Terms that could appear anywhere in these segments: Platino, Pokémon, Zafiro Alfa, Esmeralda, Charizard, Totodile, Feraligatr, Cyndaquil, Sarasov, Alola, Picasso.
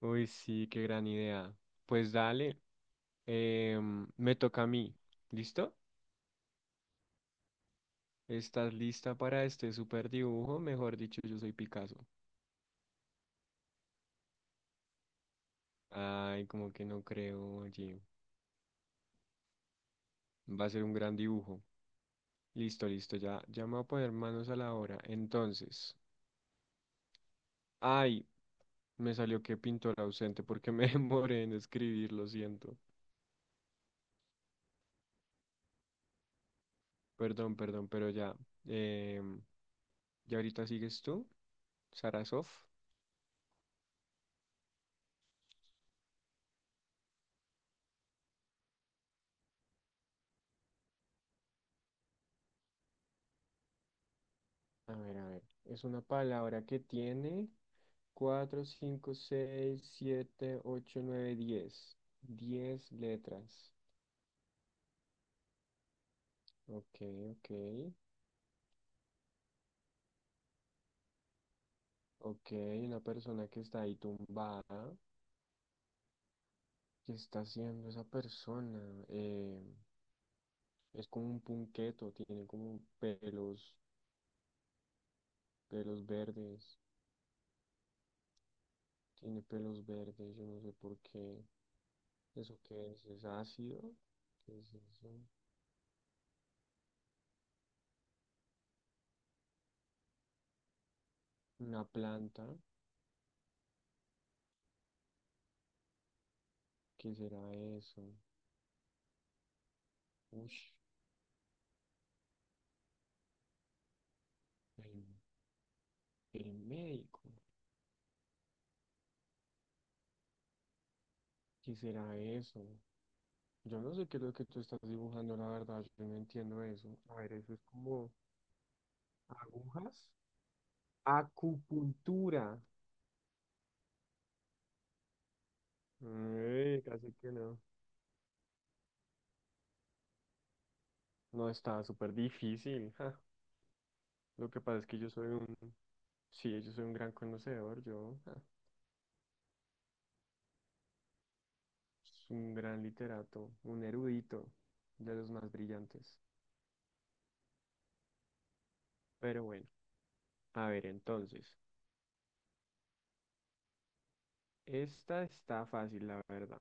Uy, sí, qué gran idea. Pues dale, me toca a mí. ¿Listo? ¿Estás lista para este super dibujo? Mejor dicho, yo soy Picasso. Ay, como que no creo, oye. Va a ser un gran dibujo. Listo, listo, ya, ya me voy a poner manos a la obra. Entonces, ay, me salió que pintor ausente porque me demoré en escribir, lo siento. Perdón, perdón, pero ya. em, ¿Ya ahorita sigues tú, Sarasov? A ver, a ver. Es una palabra que tiene cuatro, cinco, seis, siete, ocho, nueve, diez. Diez letras. Ok, ok. Ok, una persona que está ahí tumbada. ¿Qué está haciendo esa persona? Eh, es como un punqueto, tiene como pelos, pelos verdes. Tiene pelos verdes, yo no sé por qué. ¿Eso qué es? ¿Es ácido? ¿Qué es eso? ¿Una planta? ¿Qué será eso? Uy, el, el médico. ¿Qué será eso? Yo no sé qué es lo que tú estás dibujando, la verdad, yo no entiendo eso. A ver, eso es como agujas. Acupuntura. Ay, casi que no. No, está súper difícil. Ja. Lo que pasa es que sí, yo soy un gran conocedor, yo, ja, soy un gran literato, un erudito de los más brillantes. Pero bueno, a ver, entonces, esta está fácil, la verdad.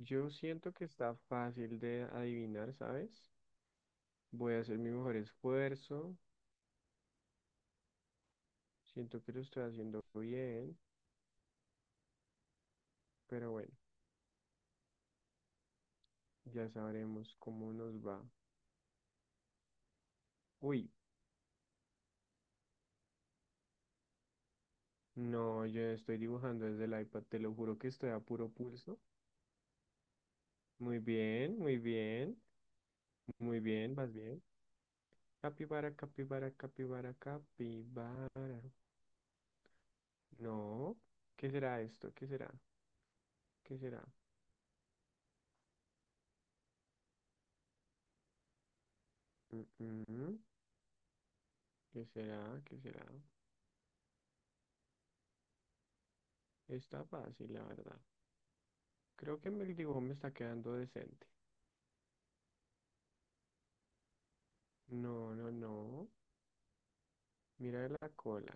Yo siento que está fácil de adivinar, ¿sabes? Voy a hacer mi mejor esfuerzo. Siento que lo estoy haciendo bien, pero bueno, ya sabremos cómo nos va. Uy, no, yo estoy dibujando desde el iPad, te lo juro que estoy a puro pulso. Muy bien, muy bien, muy bien, vas bien. Capibara, capibara, capibara, capibara. No, ¿qué será esto? ¿Qué será? ¿Qué será? Mm, mm, ¿Qué será? ¿Qué será? Está fácil, la verdad. Creo que el dibujo me está quedando decente. No, no, no. Mira la cola.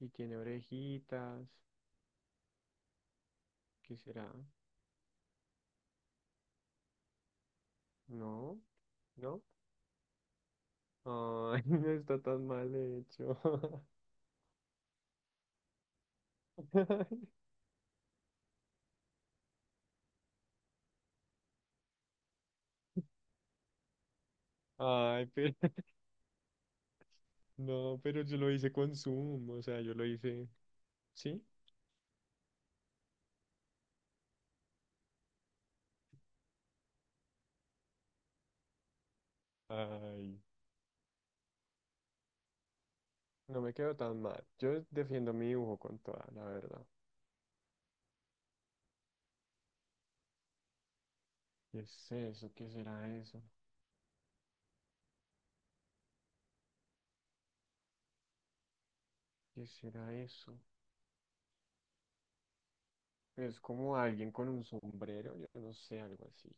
Y tiene orejitas. ¿Qué será? No, no. Ay, no está tan mal hecho. Ay, pero no, pero yo lo hice con Zoom, o sea, yo lo hice, ¿sí? Ay, no me quedo tan mal. Yo defiendo mi dibujo con toda, la verdad. ¿Qué es eso? ¿Qué será eso? ¿Qué será eso? Es como alguien con un sombrero, yo no sé, algo así.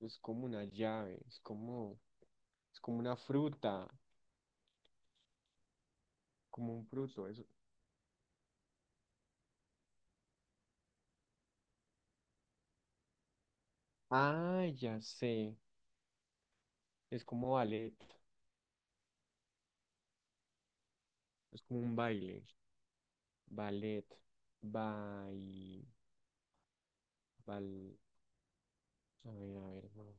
Es como una llave. Es como una fruta, como un fruto, eso. Ah, ya sé. Es como ballet. Es como un baile. Ballet. Bai. Bal. A ver, no.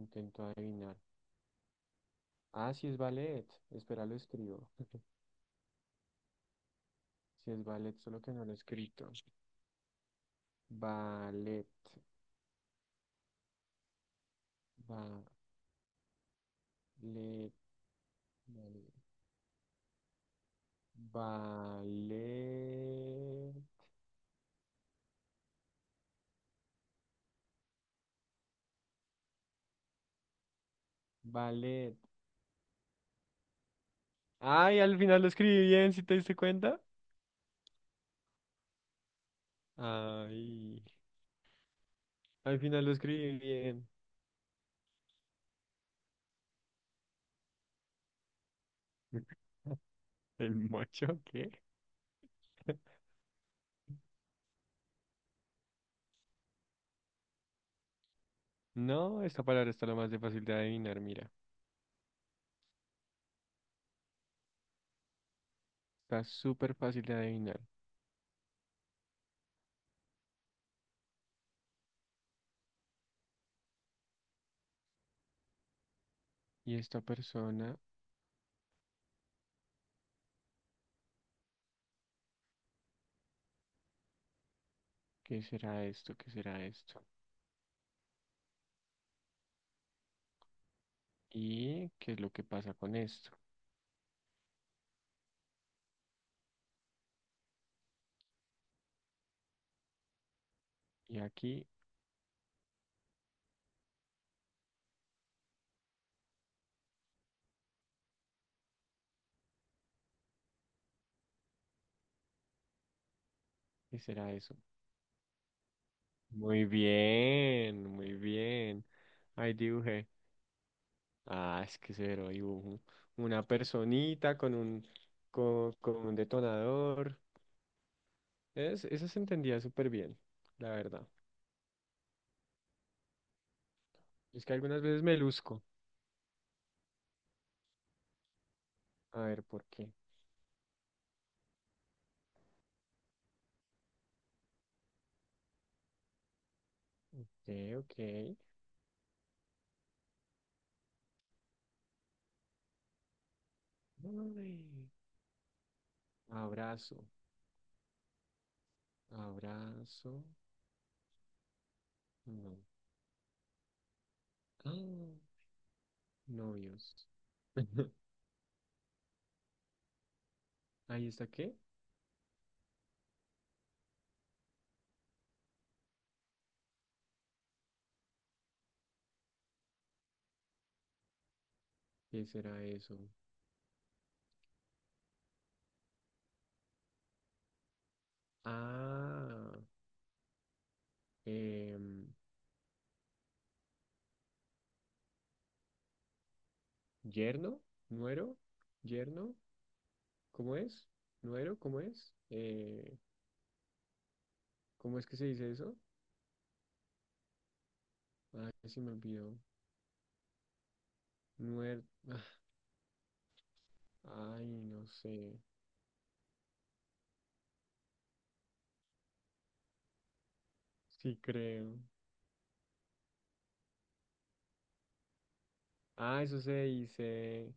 Intento adivinar. Ah, sí es ballet. Espera, lo escribo. Sí es ballet, solo que no lo he escrito. Ballet. Ballet. Ballet. Ballet. Ballet. Ay, ¿al final lo escribí bien, si te diste cuenta? Ay. Al final lo escribí bien. ¿El mocho qué? No, esta palabra está lo más de fácil de adivinar, mira. Está súper fácil de adivinar. ¿Y esta persona? ¿Qué será esto? ¿Qué será esto? ¿Y qué es lo que pasa con esto? ¿Y aquí? ¿Qué será eso? Muy bien, muy bien. Ahí dibujé. Ah, es que cero dibujo. Una personita con un detonador. Esa se entendía súper bien, la verdad. Es que algunas veces me luzco. A ver, ¿por qué? Ok, ok. Ay, abrazo, abrazo. No. Ah, novios. ¿Ahí está qué? ¿Qué será eso? Ah, em, yerno, nuero, yerno. ¿Cómo es? ¿Nuero? ¿Cómo es? ¿Cómo es que se dice eso? Ay, se me olvidó. Nuer... Ay, no sé. Sí creo. Ah, eso se dice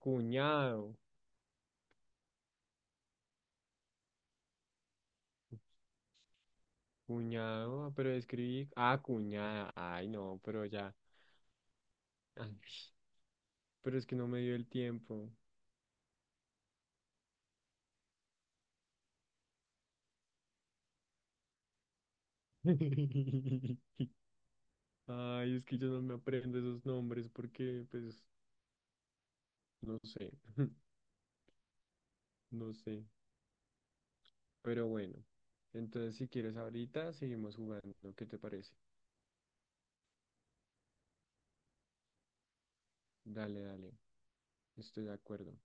cuñado, cuñado, ah, pero escribí, ah, cuñada, ay no, pero ya, ay, pero es que no me dio el tiempo. Ay, es que yo no me aprendo esos nombres porque, pues, no sé, no sé, pero bueno, entonces si quieres ahorita seguimos jugando, ¿qué te parece? Dale, dale, estoy de acuerdo.